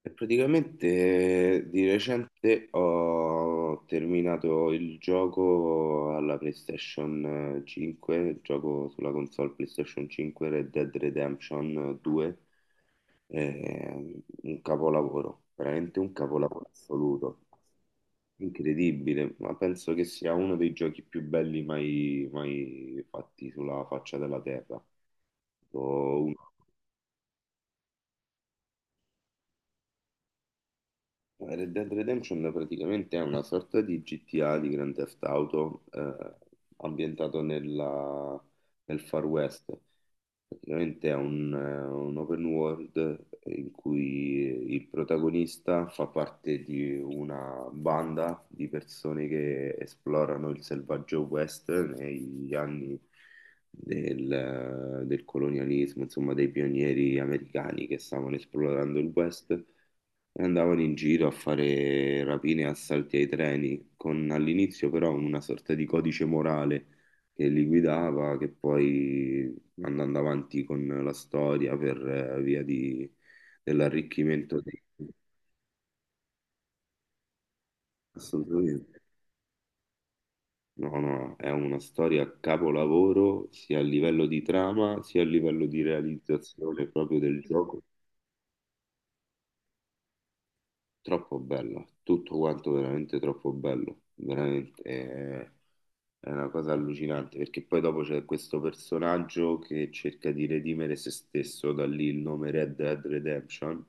E praticamente di recente ho terminato il gioco alla PlayStation 5, il gioco sulla console PlayStation 5 Red Dead Redemption 2, un capolavoro, veramente un capolavoro assoluto, incredibile, ma penso che sia uno dei giochi più belli mai fatti sulla faccia della terra. Uno Red Dead Redemption praticamente è una sorta di GTA, di Grand Theft Auto, ambientato nel Far West. Praticamente è un open world in cui il protagonista fa parte di una banda di persone che esplorano il selvaggio West negli anni del colonialismo, insomma, dei pionieri americani che stavano esplorando il West e andavano in giro a fare rapine e assalti ai treni, con all'inizio però una sorta di codice morale che li guidava, che poi andando avanti con la storia per dell'arricchimento dei... Assolutamente. No, no, è una storia capolavoro sia a livello di trama sia a livello di realizzazione proprio del gioco. Troppo bella, tutto quanto veramente troppo bello, veramente. È una cosa allucinante perché poi dopo c'è questo personaggio che cerca di redimere se stesso, da lì il nome Red Dead Redemption.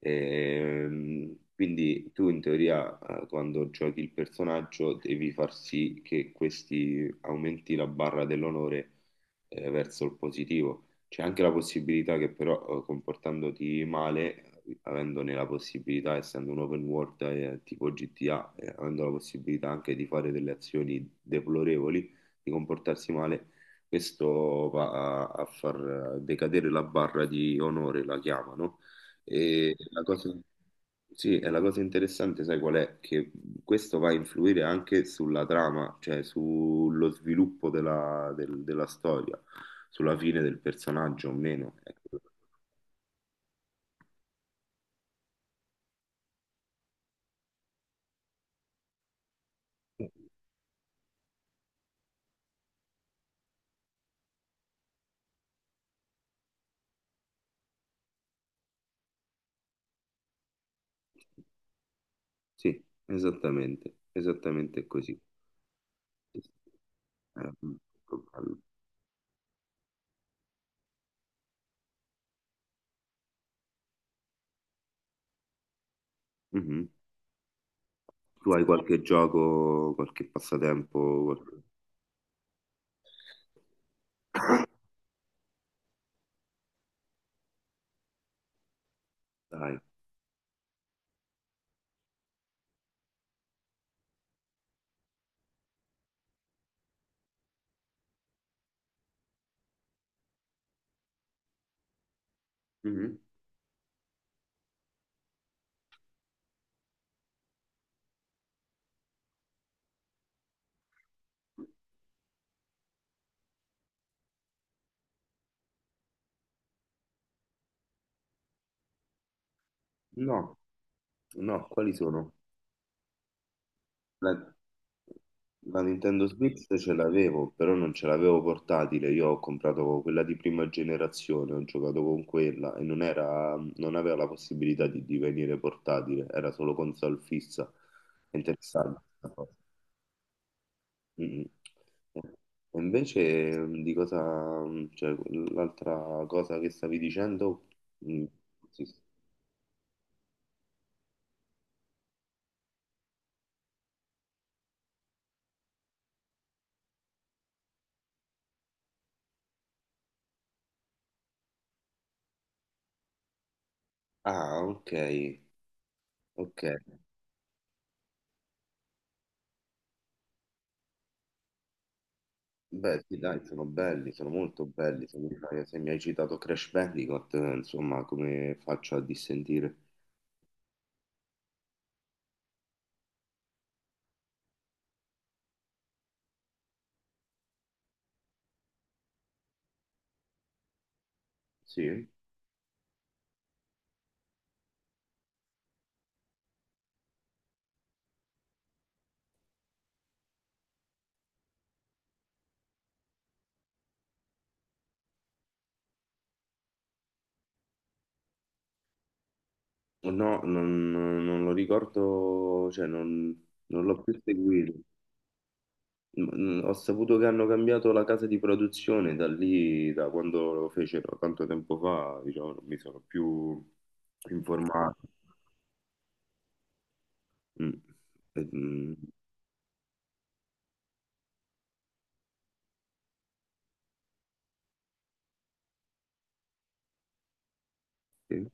Quindi tu in teoria, quando giochi il personaggio, devi far sì che questi aumenti la barra dell'onore, verso il positivo. C'è anche la possibilità che però, comportandoti male, avendone la possibilità, essendo un open world, tipo GTA, avendo la possibilità anche di fare delle azioni deplorevoli, di comportarsi male, questo va a far decadere la barra di onore, la chiamano. E la cosa... Sì, e la cosa interessante, sai qual è? Che questo va a influire anche sulla trama, cioè sullo sviluppo della storia, sulla fine del personaggio o meno. Ecco. Sì, esattamente, esattamente così. Molto bello. Mhm. Tu hai qualche gioco, qualche passatempo? Qualche- Dai. Mhm. No, no, quali sono? La- La Nintendo Switch ce l'avevo, però non ce l'avevo portatile. Io ho comprato quella di prima generazione, ho giocato con quella e non era, non aveva la possibilità di divenire portatile, era solo console fissa. È interessante questa cosa. Mm. E invece, di cosa, cioè, l'altra cosa che stavi dicendo? Mm, sì. Sì. Ah, ok, ok. Beh, sì, dai, sono belli, sono molto belli. Se se mi hai citato Crash Bandicoot, insomma, come faccio a dissentire? Sì? No, non lo ricordo, cioè non, non l'ho più seguito. Mm. Ho saputo che hanno cambiato la casa di produzione da lì, da quando lo fecero tanto tempo fa, diciamo, non mi sono più informato. Mm. Eh, mm, sì.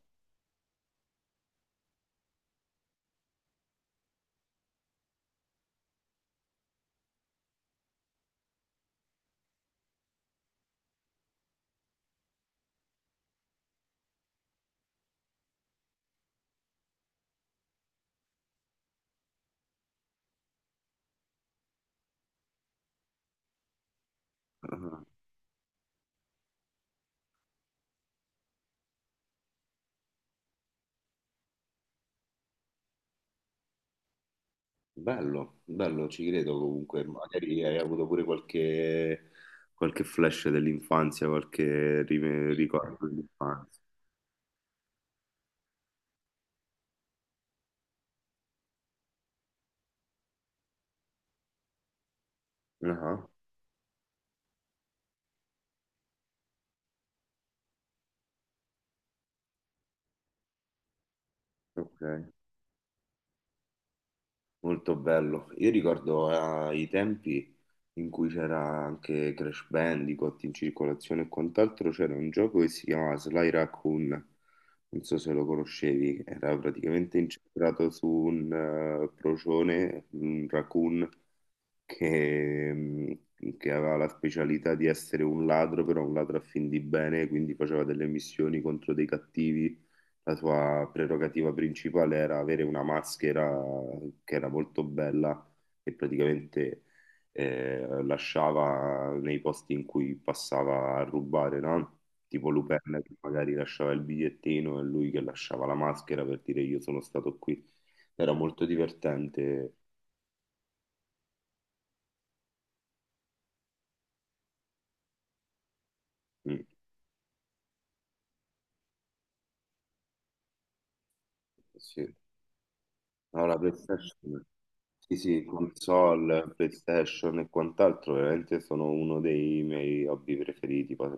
Ah, ah. Bello, bello, ci credo comunque. Magari hai avuto pure qualche, qualche flash dell'infanzia, qualche ricordo dell'infanzia. Ah, ok, molto bello. Io ricordo, i tempi in cui c'era anche Crash Bandicoot in circolazione e quant'altro, c'era un gioco che si chiamava Sly Raccoon, non so se lo conoscevi, era praticamente incentrato su un, procione, un raccoon che aveva la specialità di essere un ladro, però un ladro a fin di bene, quindi faceva delle missioni contro dei cattivi. La sua prerogativa principale era avere una maschera che era molto bella e praticamente, lasciava nei posti in cui passava a rubare, no? Tipo Lupin che magari lasciava il bigliettino e lui che lasciava la maschera per dire io sono stato qui. Era molto divertente. Mm, sì. No, la PlayStation, sì, sì, console, PlayStation e quant'altro, veramente sono uno dei miei hobby preferiti. Pa-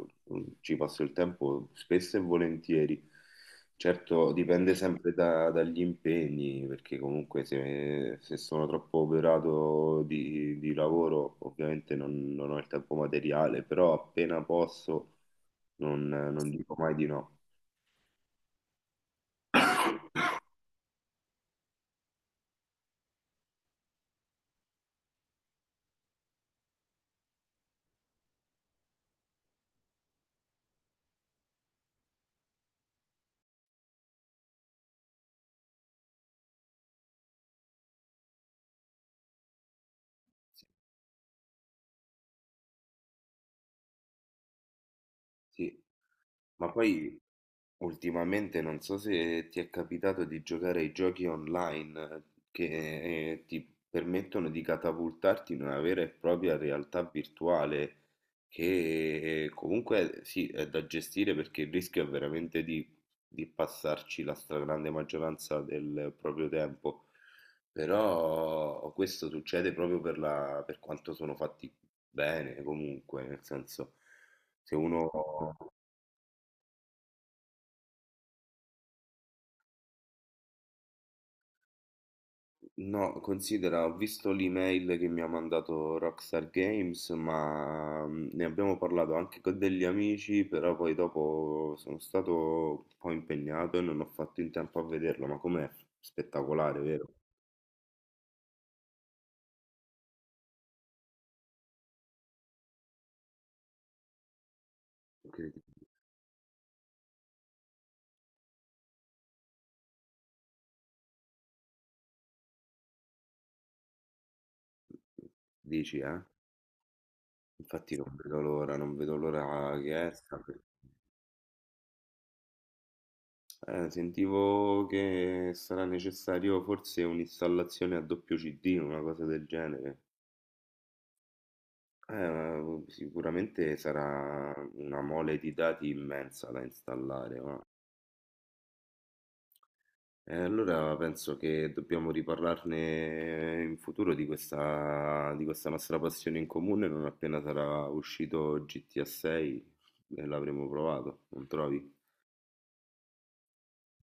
Ci passo il tempo spesso e volentieri. Certo, dipende sempre dagli impegni, perché comunque se, se sono troppo operato di lavoro, ovviamente non, non ho il tempo materiale, però appena posso non dico mai di no. Sì, sì. Ma poi, ultimamente, non so se ti è capitato di giocare ai giochi online, che, ti permettono di catapultarti in una vera e propria realtà virtuale che, comunque sì, è da gestire, perché il rischio è veramente di passarci la stragrande maggioranza del proprio tempo, però questo succede proprio per per quanto sono fatti bene comunque, nel senso, se uno... No, considera, ho visto l'email che mi ha mandato Rockstar Games, ma ne abbiamo parlato anche con degli amici, però poi dopo sono stato un po' impegnato e non ho fatto in tempo a vederlo, ma com'è spettacolare, vero? Che- Dici, eh? Infatti non vedo l'ora, non vedo l'ora che esca. Sentivo che sarà necessario forse un'installazione a doppio CD, una cosa del genere. Sicuramente sarà una mole di dati immensa da installare, ma... E allora penso che dobbiamo riparlarne in futuro di questa nostra passione in comune non appena sarà uscito GTA 6 e l'avremo provato, non trovi?